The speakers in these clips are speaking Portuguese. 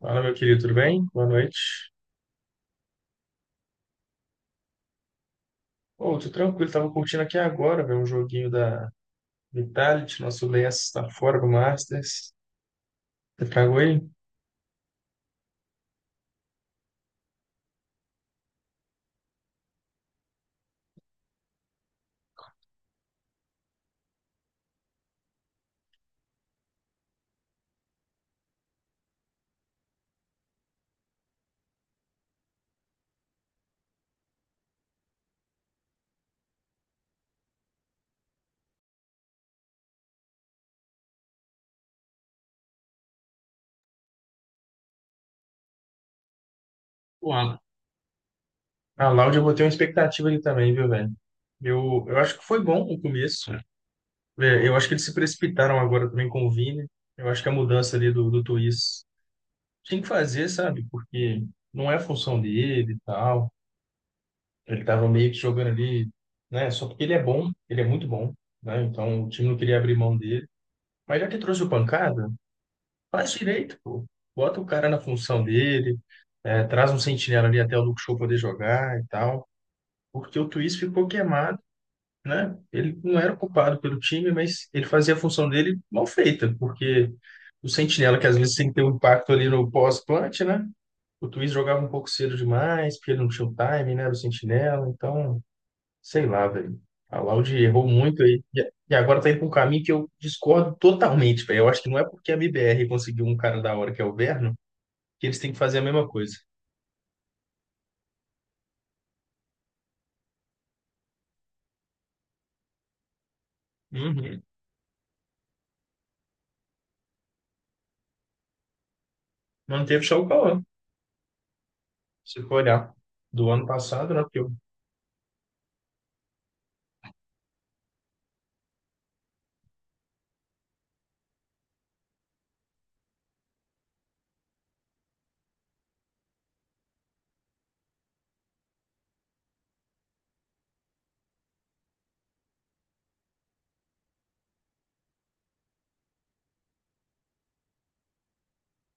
Fala, meu querido, tudo bem? Boa noite. Ô, tô tranquilo, tava curtindo aqui agora, velho, um joguinho da Vitality, nosso Lens tá fora do Masters. Você tragou ele? Pô, Alan, a Loud eu botei uma expectativa ali também, viu, velho? Eu acho que foi bom o começo. É, eu acho que eles se precipitaram agora também com o Vini. Eu acho que a mudança ali do Twist tinha que fazer, sabe? Porque não é a função dele e tal. Ele tava meio que jogando ali, né? Só porque ele é bom, ele é muito bom, né? Então o time não queria abrir mão dele. Mas já que trouxe o pancada, faz direito, pô. Bota o cara na função dele, é, traz um sentinela ali até o Luke Shaw poder jogar e tal. Porque o Twist ficou queimado, né? Ele não era culpado pelo time, mas ele fazia a função dele mal feita, porque o sentinela, que às vezes tem que ter um impacto ali no pós-plant, né? O Twist jogava um pouco cedo demais, porque ele não tinha o time, né? Era o sentinela, então sei lá, velho. A Laude errou muito aí. E agora tá indo pra um caminho que eu discordo totalmente, velho. Eu acho que não é porque a MBR conseguiu um cara da hora que é o Verno, que eles têm que fazer a mesma coisa. Uhum. Manteve só o Cauã, se for olhar. Do ano passado, né? Porque, o-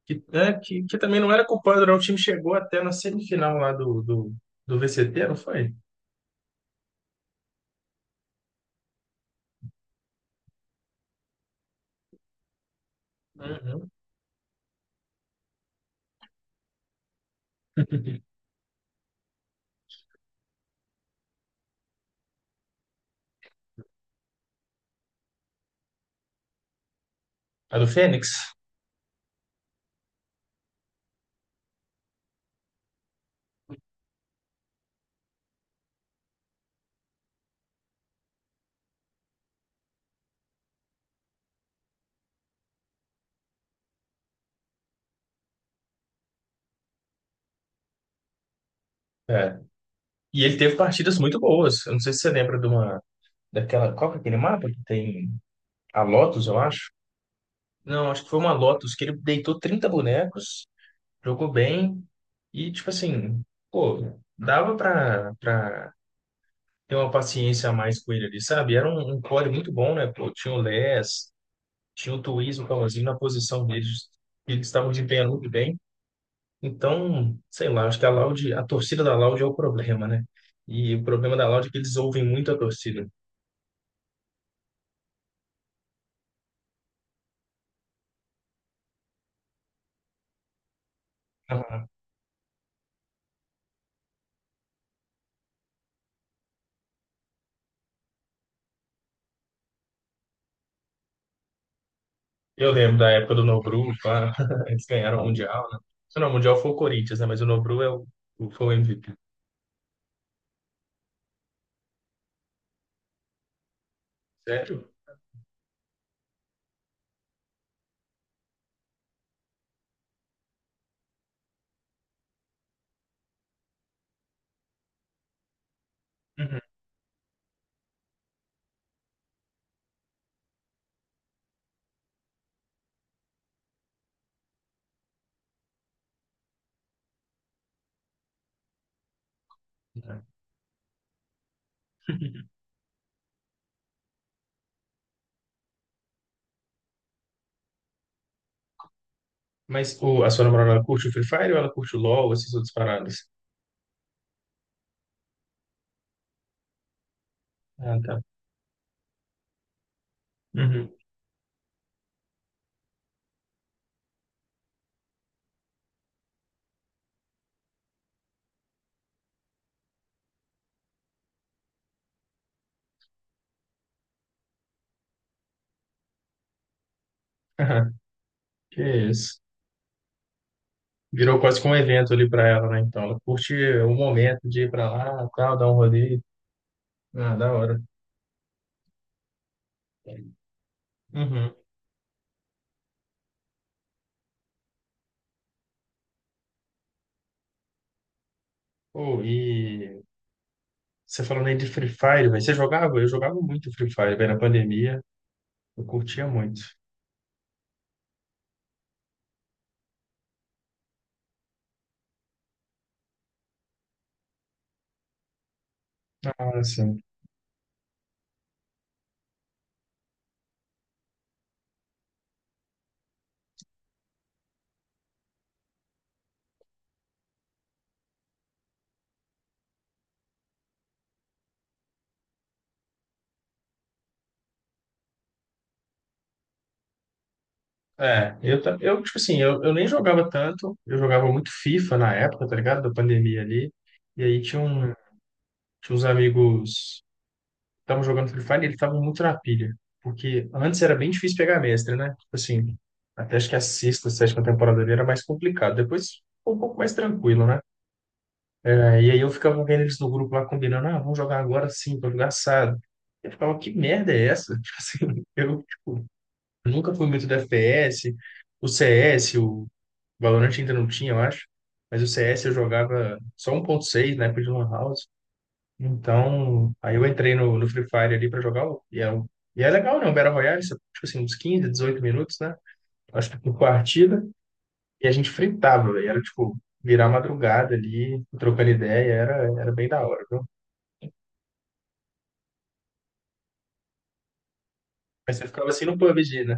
que, é, que, que também não era culpado, não. O time chegou até na semifinal lá do VCT, não foi? Uhum. A do Fênix? É. E ele teve partidas muito boas. Eu não sei se você lembra de uma. Daquela. Qual que é aquele mapa que tem a Lotus, eu acho? Não, acho que foi uma Lotus, que ele deitou 30 bonecos, jogou bem, e tipo assim, pô, dava pra ter uma paciência a mais com ele ali, sabe? Era um core muito bom, né? Pô, tinha o Les, tinha o Twiz, o Palazinho na posição deles, que eles estavam desempenhando muito bem. Então, sei lá, acho que a Loud, a torcida da Loud é o problema, né? E o problema da Loud é que eles ouvem muito a torcida. Eu lembro da época do Nobru, pá, eles ganharam o Mundial, né? Não, o Mundial foi o Corinthians, né? Mas o Nobru é o, foi o MVP. Sério? Uhum. Mas o, a sua namorada, ela curte o Free Fire ou ela curte o LoL, essas outras paradas? Ah, tá. Uhum. Aham. Que isso. Virou quase que um evento ali pra ela, né? Então, ela curte o momento de ir pra lá, tal, dar um rolê. Ah, da hora. Uhum. Pô, e você falando aí de Free Fire, velho, você jogava? Eu jogava muito Free Fire, velho, na pandemia. Eu curtia muito. Nossa. É, eu tipo assim, eu nem jogava tanto, eu jogava muito FIFA na época, tá ligado? Da pandemia ali. E aí tinha, um, tinha uns amigos que estavam jogando Free Fire e eles estavam muito na pilha. Porque antes era bem difícil pegar mestre, né? Tipo assim, até acho que a sexta, sétima temporada ali era mais complicado. Depois ficou um pouco mais tranquilo, né? É, e aí eu ficava vendo eles no grupo lá combinando, ah, vamos jogar agora sim, pra jogar assado. Eu ficava, que merda é essa? Tipo assim, eu tipo, nunca fui muito do FPS, o CS, Valorant ainda não tinha, eu acho. Mas o CS eu jogava só um 1.6 na época de Lan House. Então, aí eu entrei no Free Fire ali para jogar. E e é legal, né? O Battle Royale, você- tipo assim, uns 15, 18 minutos, né? Acho que por partida. E a gente fritava, velho. Era tipo, virar madrugada ali, trocando ideia. Era, era bem da hora, viu? Mas você ficava assim no PUBG, né?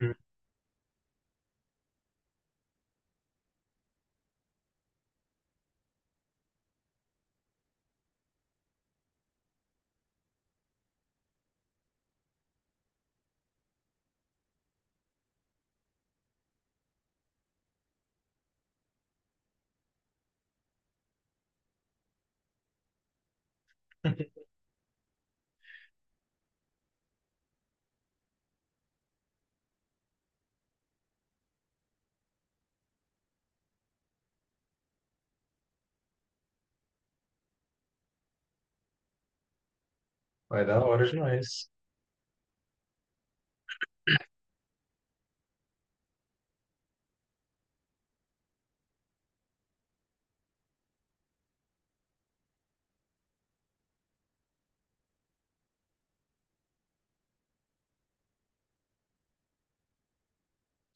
Uhum. Vai da hora demais.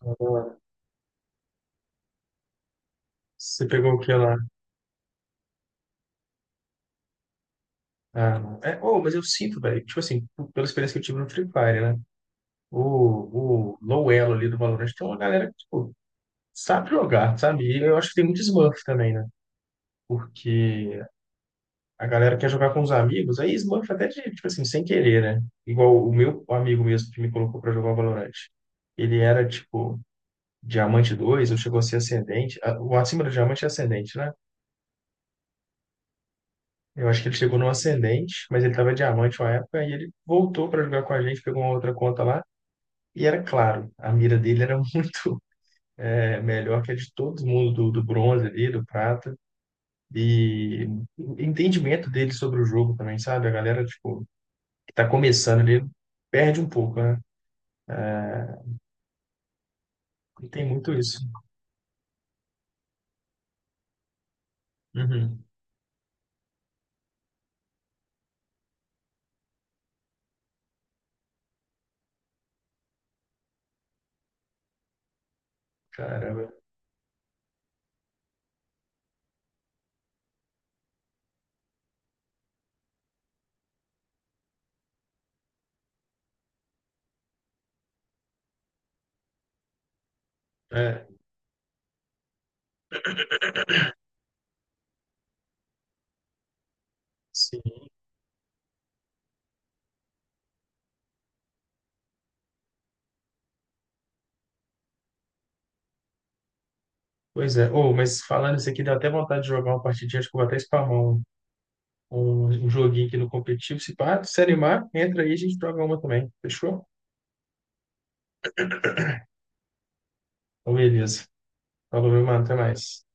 Da hora. Você pegou o que lá? Ah, é, oh, mas eu sinto, velho, tipo assim, p- pela experiência que eu tive no Free Fire, né? O low elo ali do Valorant tem uma galera que, tipo, sabe jogar, sabe? E eu acho que tem muito Smurf também, né? Porque a galera quer jogar com os amigos, aí Smurf até de, tipo assim, sem querer, né? Igual o meu amigo mesmo que me colocou pra jogar Valorant. Ele era, tipo, diamante 2 ou chegou a ser ascendente. A- o acima do diamante é ascendente, né? Eu acho que ele chegou no ascendente, mas ele tava diamante uma época, e ele voltou pra jogar com a gente, pegou uma outra conta lá, e era claro, a mira dele era é melhor que a de todo mundo do bronze ali, do prata. E entendimento dele sobre o jogo também, sabe? A galera, tipo, que tá começando ali, perde um pouco, né? Tem muito isso. Uhum. Caramba. É, sim. Pois é. Oh, mas falando isso aqui, deu até vontade de jogar uma partidinha. Acho que eu vou até spamar um joguinho aqui no competitivo. Se pá, se animar, entra aí e a gente joga uma também. Fechou? Então, beleza. Falou, meu mano. Até mais.